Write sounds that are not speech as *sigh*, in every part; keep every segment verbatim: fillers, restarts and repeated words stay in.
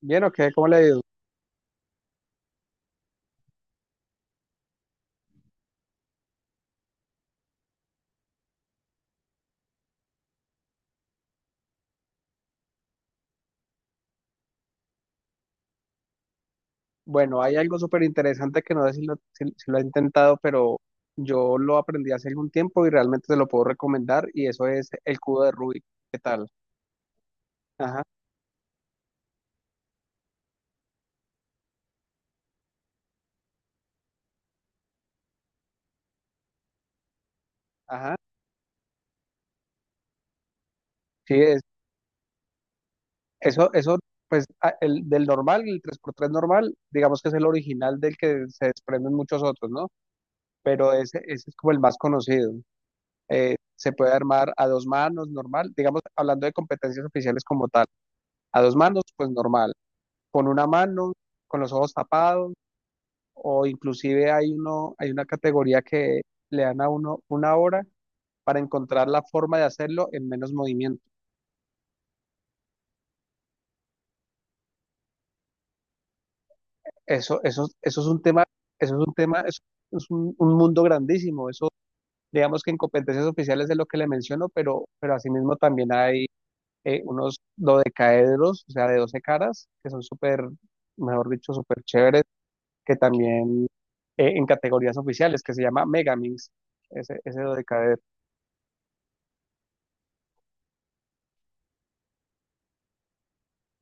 Bien, ok, ¿cómo le ha ido? Bueno, hay algo súper interesante que no sé si lo, si, si lo ha intentado, pero yo lo aprendí hace algún tiempo y realmente te lo puedo recomendar y eso es el cubo de Rubik. ¿Qué tal? Ajá, ajá. Sí, es, eso, eso, pues a- el del normal, el tres por tres normal, digamos que es el original del que se desprenden muchos otros, ¿no? Pero ese, ese es como el más conocido. Eh, se puede armar a dos manos, normal, digamos, hablando de competencias oficiales como tal. A dos manos, pues normal, con una mano, con los ojos tapados, o inclusive hay uno, hay una categoría que le dan a uno una hora para encontrar la forma de hacerlo en menos movimiento. Eso, eso, eso es un tema, eso es un tema, eso es un, un mundo grandísimo. Eso, digamos que en competencias oficiales es lo que le menciono, pero, pero asimismo también hay eh, unos dodecaedros, o sea, de doce caras, que son súper, mejor dicho, súper chéveres, que también eh, en categorías oficiales, que se llama Megamix, ese, ese dodecaedro.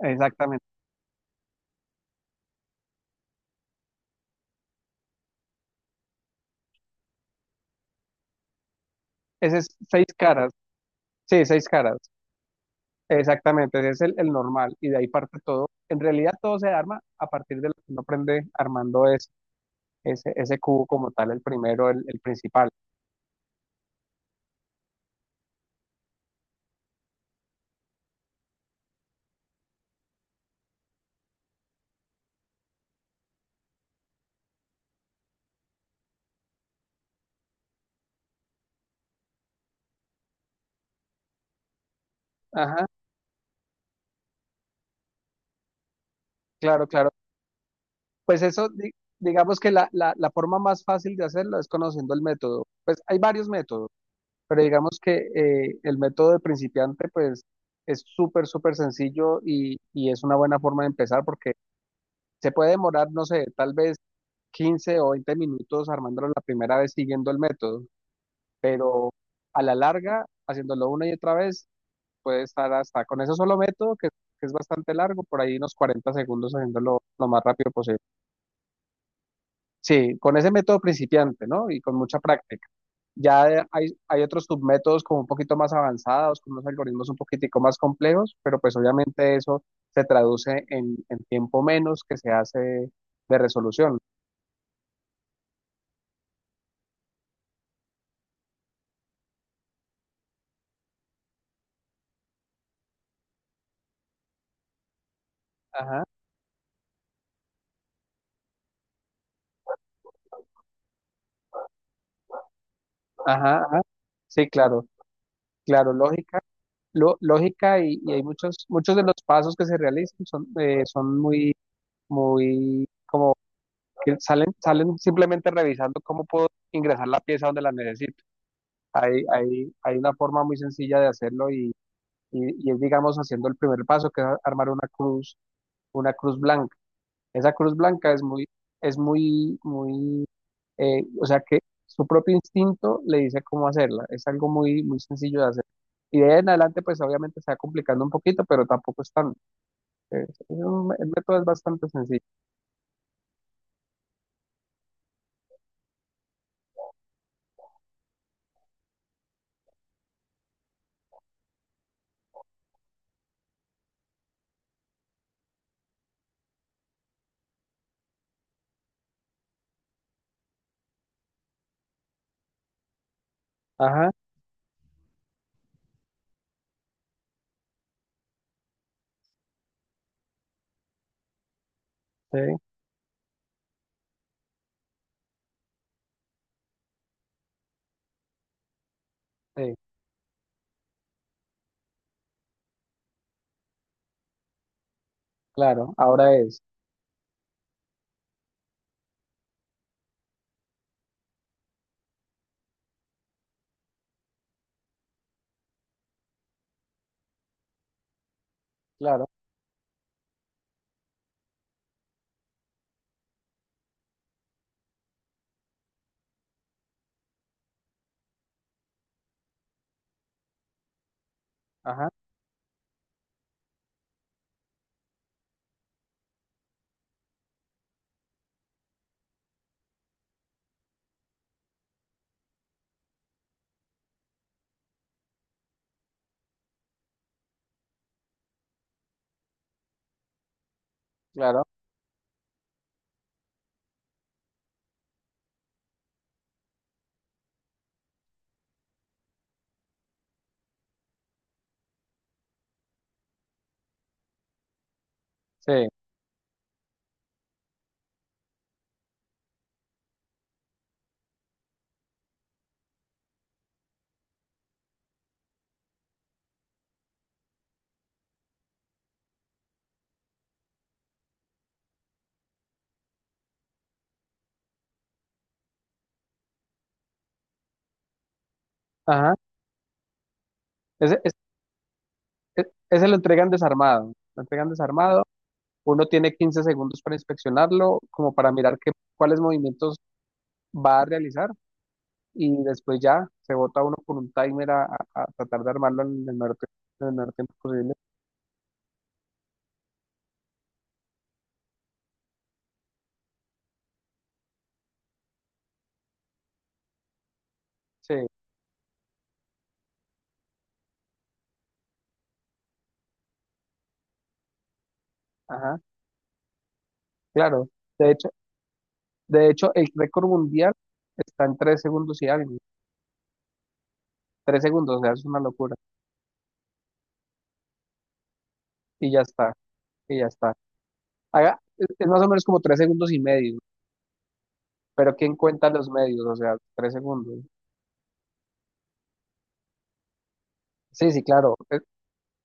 Exactamente. Ese es seis caras. Sí, seis caras. Exactamente. Ese es el, el normal. Y de ahí parte todo. En realidad todo se arma a partir de lo que uno aprende armando ese, ese, ese cubo como tal, el primero, el, el principal. Ajá, claro, claro. Pues eso, di- digamos que la, la, la forma más fácil de hacerlo es conociendo el método. Pues hay varios métodos, pero digamos que eh, el método de principiante, pues es súper, súper sencillo y, y es una buena forma de empezar porque se puede demorar, no sé, tal vez quince o veinte minutos armándolo la primera vez siguiendo el método, pero a la larga, haciéndolo una y otra vez, puede estar hasta con ese solo método, que, que es bastante largo, por ahí unos cuarenta segundos haciéndolo lo más rápido posible. Sí, con ese método principiante, ¿no? Y con mucha práctica. Ya de- hay, hay otros submétodos como un poquito más avanzados, con unos algoritmos un poquitico más complejos, pero pues obviamente eso se traduce en, en tiempo menos que se hace de resolución. Ajá, ajá, ajá. Sí, claro. Claro, lógica, lo- lógica y, y hay muchos, muchos de los pasos que se realizan son, eh, son muy, muy, que salen, salen simplemente revisando cómo puedo ingresar la pieza donde la necesito. Hay, hay, hay una forma muy sencilla de hacerlo y, y, y es, digamos, haciendo el primer paso, que es a- armar una cruz, una cruz blanca. Esa cruz blanca es muy, es muy, muy eh, o sea que su propio instinto le dice cómo hacerla, es algo muy, muy sencillo de hacer. Y de ahí en adelante, pues obviamente se va complicando un poquito, pero tampoco es tan, es- es un- el método es bastante sencillo. Ajá, sí, sí, claro, ahora es, claro, ajá, claro, sí, ajá. Ese, es- es- ese lo entregan desarmado, lo entregan desarmado, uno tiene quince segundos para inspeccionarlo, como para mirar qué, cuáles movimientos va a realizar y después ya se bota uno con un timer a, a- a tratar de armarlo en el menor, tiempo- en el menor tiempo posible. Sí, ajá, claro. De hecho, de hecho, el récord mundial está en tres segundos y algo. Tres segundos, o sea, es una locura. Y ya está, y ya está. Haga, es es más o menos como tres segundos y medio, pero ¿quién cuenta los medios? O sea, tres segundos. Sí, sí, claro. e-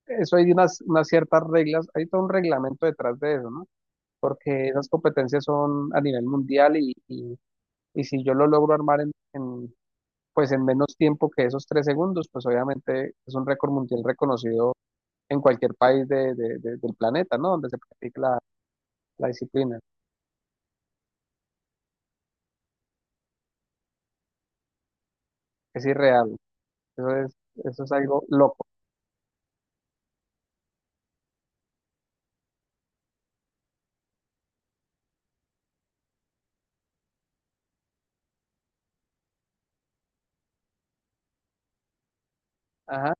Eso hay unas, unas ciertas reglas, hay todo un reglamento detrás de eso, ¿no? Porque esas competencias son a nivel mundial y, y Y si yo lo logro armar en, en, pues en menos tiempo que esos tres segundos, pues obviamente es un récord mundial reconocido en cualquier país de, de- de- del planeta, ¿no? Donde se practica la, la disciplina. Es irreal. Eso es, eso es algo loco. Ajá.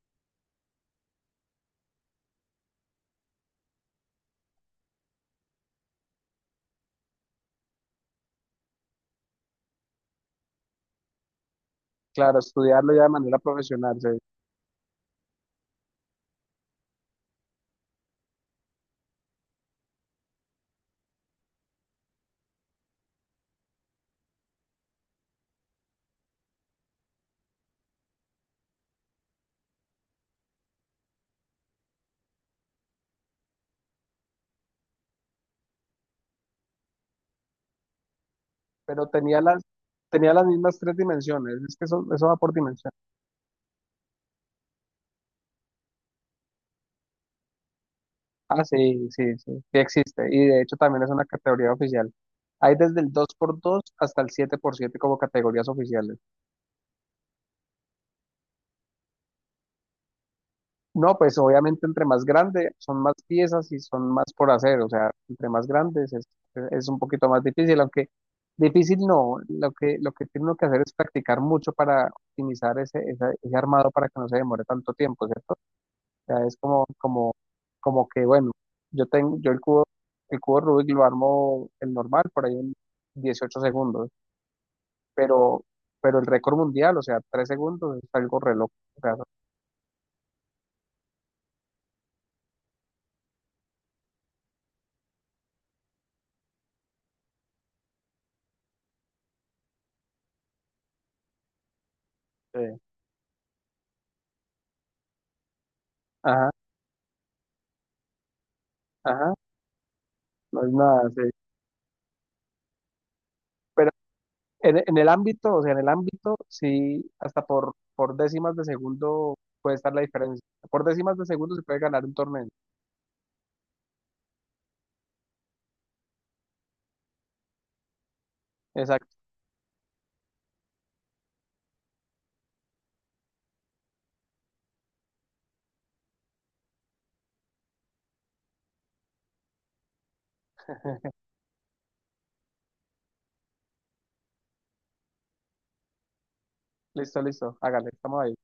Claro, estudiarlo ya de manera profesional, sí. Pero tenía las, tenía las mismas tres dimensiones. Es que eso, eso va por dimensión. Ah, sí, sí, sí, sí existe. Y de hecho también es una categoría oficial. Hay desde el dos por dos hasta el siete por siete como categorías oficiales. No, pues obviamente entre más grande son más piezas y son más por hacer, o sea, entre más grandes es, es un poquito más difícil, aunque difícil no, lo que, lo que tiene uno que hacer es practicar mucho para optimizar ese, esa- ese armado para que no se demore tanto tiempo, ¿cierto? O sea, es como, como, como, que, bueno, yo tengo, yo el cubo, el cubo Rubik lo armo el normal por ahí en dieciocho segundos, pero, pero el récord mundial, o sea, tres segundos es algo reloj, o sea, sí. Ajá, ajá, no es nada, sí. Pero en, en el ámbito, o sea, en el ámbito, sí, hasta por, por décimas de segundo puede estar la diferencia. Por décimas de segundo se puede ganar un torneo. Exacto. *laughs* Listo, listo. Hágale, estamos ahí.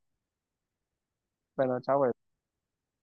Bueno, chao.